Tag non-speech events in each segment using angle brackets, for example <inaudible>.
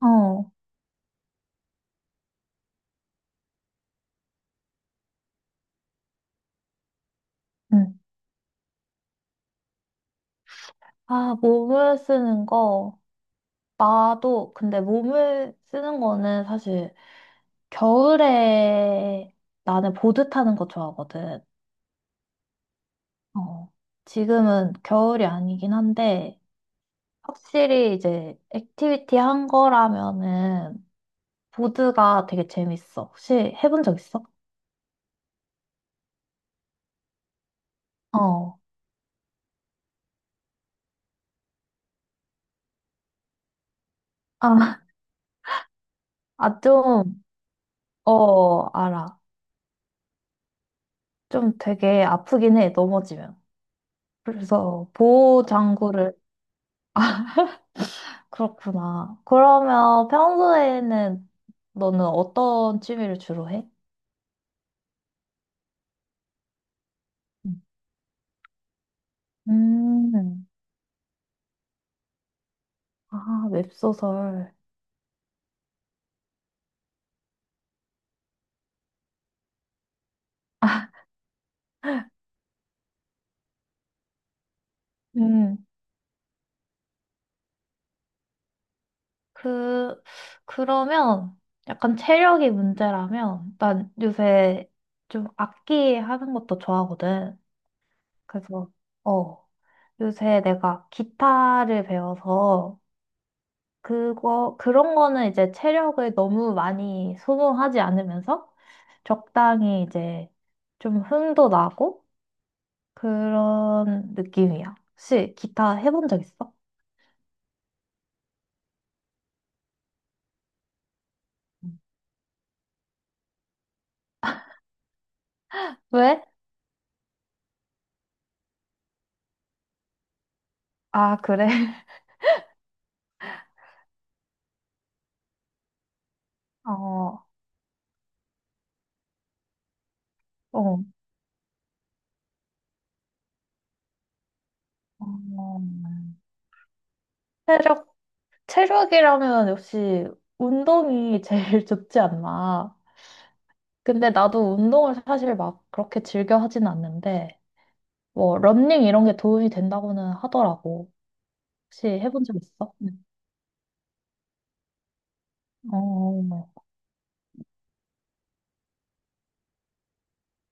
어. 응. 아, 몸을 쓰는 거. 나도, 근데 몸을 쓰는 거는 사실 겨울에 나는 보드 타는 거 좋아하거든. 어. 지금은 겨울이 아니긴 한데, 확실히 이제 액티비티 한 거라면은 보드가 되게 재밌어. 혹시 해본 적 있어? 어. 아, <laughs> 아, 좀, 어, 알아. 좀 되게 아프긴 해, 넘어지면. 그래서 보호 장구를 그렇구나. 그러면 평소에는 너는 어떤 취미를 주로 해? 음. 음, 아, 웹소설. 음. 그, 그러면 약간 체력이 문제라면 난 요새 좀 악기 하는 것도 좋아하거든. 그래서, 어, 요새 내가 기타를 배워서 그런 거는 이제 체력을 너무 많이 소모하지 않으면서 적당히 이제 좀 흥도 나고 그런 느낌이야. 혹시 기타 해본 적 있어? 음. 왜? 아, 그래. <laughs> 어, 어. 어, 체력, 체력이라면 역시 운동이 제일 <laughs> 좋지 않나. 근데 나도 운동을 사실 막 그렇게 즐겨 하진 않는데, 뭐, 러닝 이런 게 도움이 된다고는 하더라고. 혹시 해본 적 있어? 응. 어,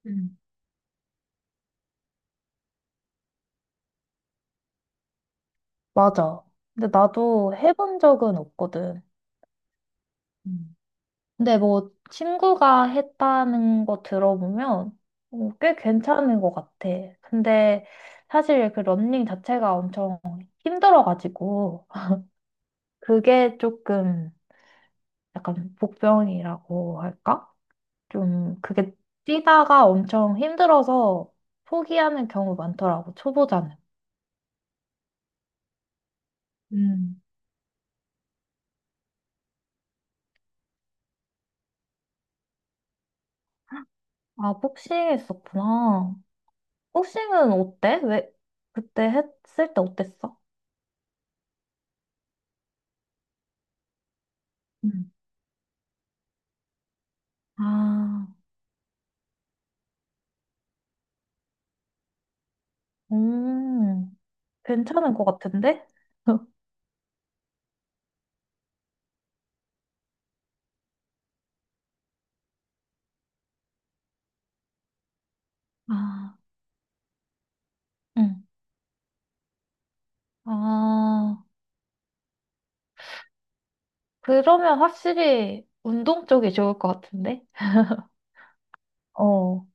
응. 맞아. 근데 나도 해본 적은 없거든. 응. 근데 뭐 친구가 했다는 거 들어보면 어, 꽤 괜찮은 것 같아. 근데 사실 그 러닝 자체가 엄청 힘들어가지고 그게 조금 약간 복병이라고 할까? 좀 그게 뛰다가 엄청 힘들어서 포기하는 경우 많더라고, 초보자는. 아, 복싱 했었구나. 복싱은 어때? 왜, 그때 했을 때 어땠어? 응. 아, 음, 괜찮은 것 같은데? <laughs> 아, 응. 아, 그러면 확실히 운동 쪽이 좋을 것 같은데? 어,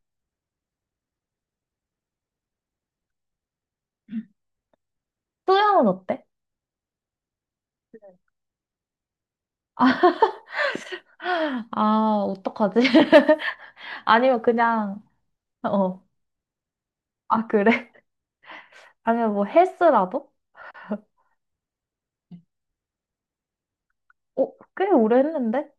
수영은 어때? 아, 어떡하지? <laughs> 아니면 그냥, 어, 아, 그래? 아니면 뭐 헬스라도? 어, 꽤 오래 했는데?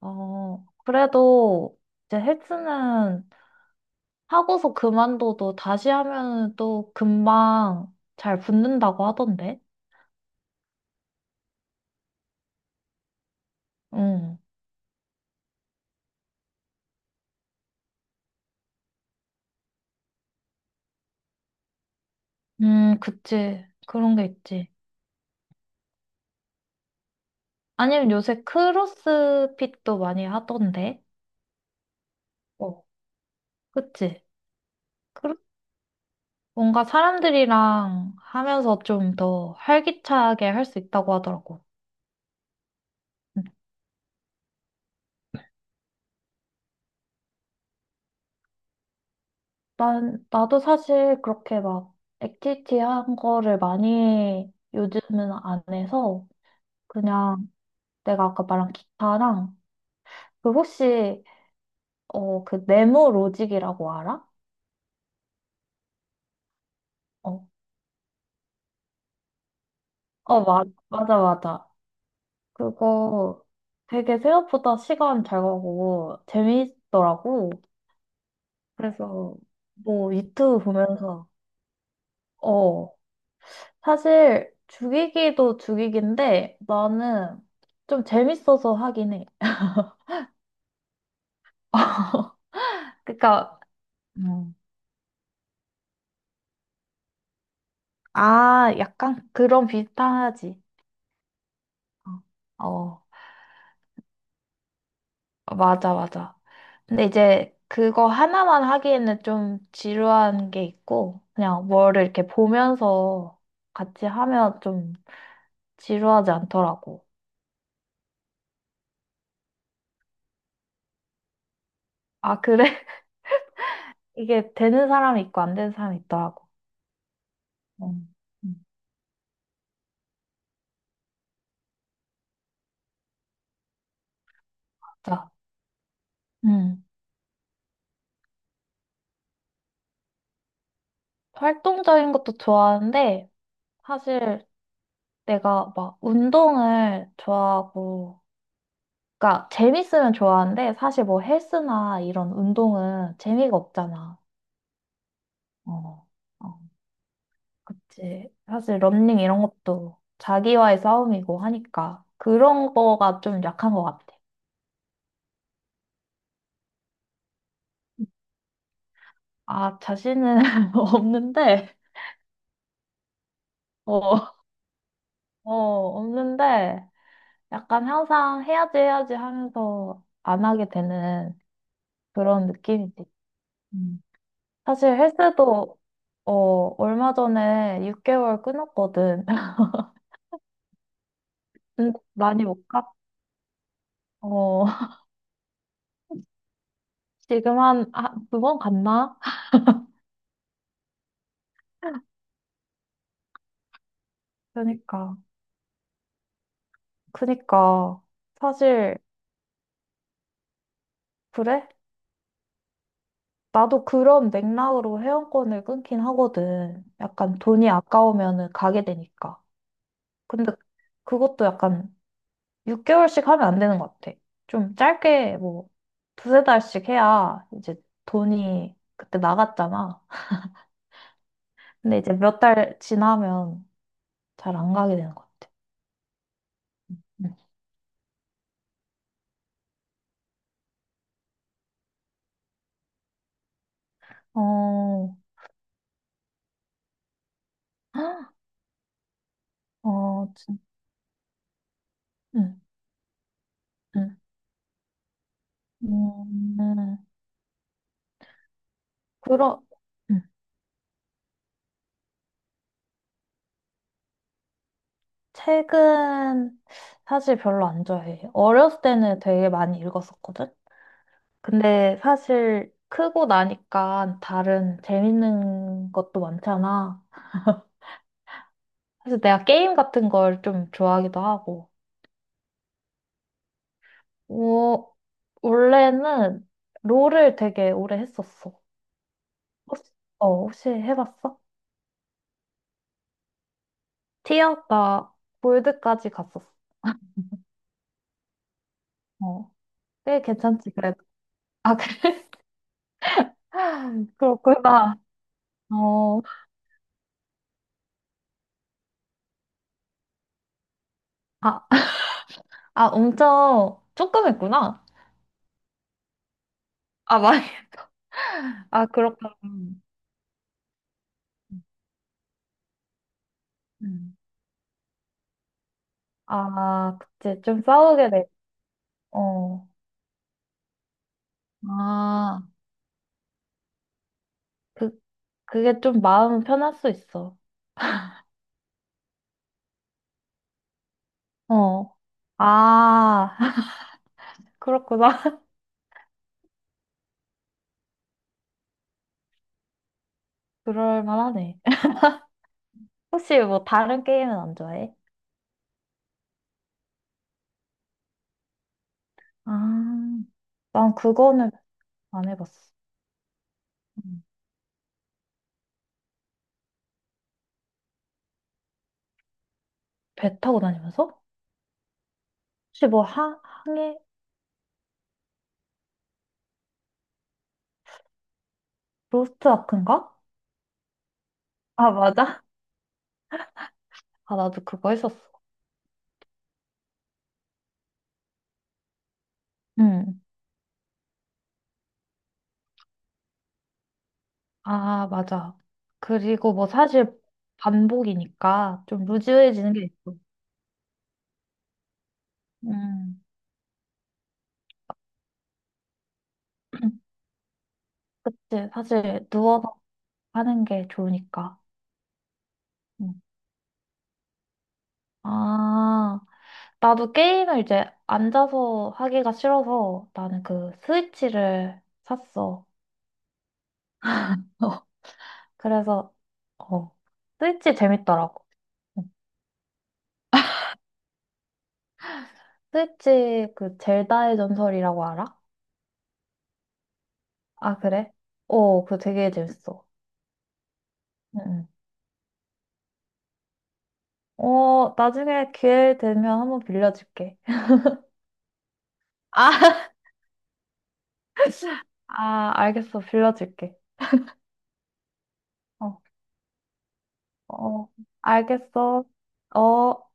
어, 그래도 이제 헬스는 하고서 그만둬도 다시 하면 또 금방 잘 붙는다고 하던데. 응. 그치. 그런 게 있지. 아니면 요새 크로스핏도 많이 하던데. 어. 그치. 크로- 뭔가 사람들이랑 하면서 좀 더 활기차게 할 수 있다고 하더라고. 응. 나도 사실 그렇게 막 액티비티 한 거를 많이 요즘은 안 해서 그냥 내가 아까 말한 기타랑 그 혹시 어 그 네모 로직이라고 알아? 어, 어 맞아 맞아 그거 되게 생각보다 시간 잘 가고 재미있더라고 그래서 뭐 유튜브 보면서 어 사실 죽이기도 죽이기인데 나는 좀 재밌어서 하긴 해. <laughs> 그러니까 음. 아 약간 그런 비슷하지 어. 어. 어, 맞아, 맞아. 근데 이제 그거 하나만 하기에는 좀 지루한 게 있고, 그냥 뭐를 이렇게 보면서 같이 하면 좀 지루하지 않더라고. 아, 그래? <laughs> 이게 되는 사람이 있고 안 되는 사람이 있더라고. 어, 음, 맞아. 음. 활동적인 것도 좋아하는데, 사실 내가 막 운동을 좋아하고, 그러니까 재밌으면 좋아하는데, 사실 뭐 헬스나 이런 운동은 재미가 없잖아. 어, 어. 그치. 사실 러닝 이런 것도 자기와의 싸움이고 하니까 그런 거가 좀 약한 것 같아. 아, 자신은 <laughs> 없는데, 어, 어, 없는데, 약간 항상 해야지 해야지 하면서 안 하게 되는 그런 느낌이지. 음. 사실 헬스도, 어, 얼마 전에 6개월 끊었거든. <laughs> 근데 많이 못 갔, 어, <laughs> 지금 한, 아, 두번 갔나? 그러니까, 그러니까. 사실 그래? 나도 그런 맥락으로 회원권을 끊긴 하거든. 약간 돈이 아까우면은 가게 되니까. 근데 그것도 약간 6개월씩 하면 안 되는 것 같아. 좀 짧게 뭐 두세 달씩 해야 이제 돈이 그때 나갔잖아. 근데 이제 몇 달 지나면 잘 안 가게 되는 것 같아. 응. 어, 헉, 어, 진, 응, 응. 음, 음. 그러, 응. 책은 사실 별로 안 좋아해. 어렸을 때는 되게 많이 읽었었거든? 근데 사실 크고 나니까 다른 재밌는 것도 많잖아. 그래서 내가 게임 같은 걸 좀 좋아하기도 하고. 어, 원래는 롤을 되게 오래 했었어. 혹시, 어, 혹시 해봤어? 티어? 나 골드까지 갔었어. 어, 꽤 괜찮지, 그래도. 아, 그래? <laughs> 그렇구나. 어. 아, 아, 엄청 조금 했구나. 아, 많이. 아, 그렇구나. 음. 아, 그치. 좀 싸우게 돼. 어. 아, 그, 그게 좀 마음 편할 수 있어. 어. 아, <laughs> 그렇구나. <laughs> 그럴 만하네. 혹시 뭐 다른 게임은 안 좋아해? 아, 난 그거는 안 해봤어. 음. 배 타고 다니면서? 혹시 뭐 항해? 로스트 아크인가? 아, 맞아? 아, 나도 그거 했었어. 응. 아, 맞아. 그리고 뭐 사실 반복이니까 좀 루즈해지는 게 있어. 음. <clears throat> 그치. 사실 누워서 하는 게 좋으니까. 음. 아, 나도 게임을 이제 앉아서 하기가 싫어서 나는 그 스위치를 샀어. <laughs> 그래서, 어, 스위치 재밌더라고. 음. 스위치 그 젤다의 전설이라고 알아? 아, 그래? 어, 그거 되게 재밌어. 음, 음. 어, 나중에 기회 되면 한번 빌려줄게. 아, <laughs> 아, 알겠어. 빌려줄게. 어, 어, 알겠어. 어.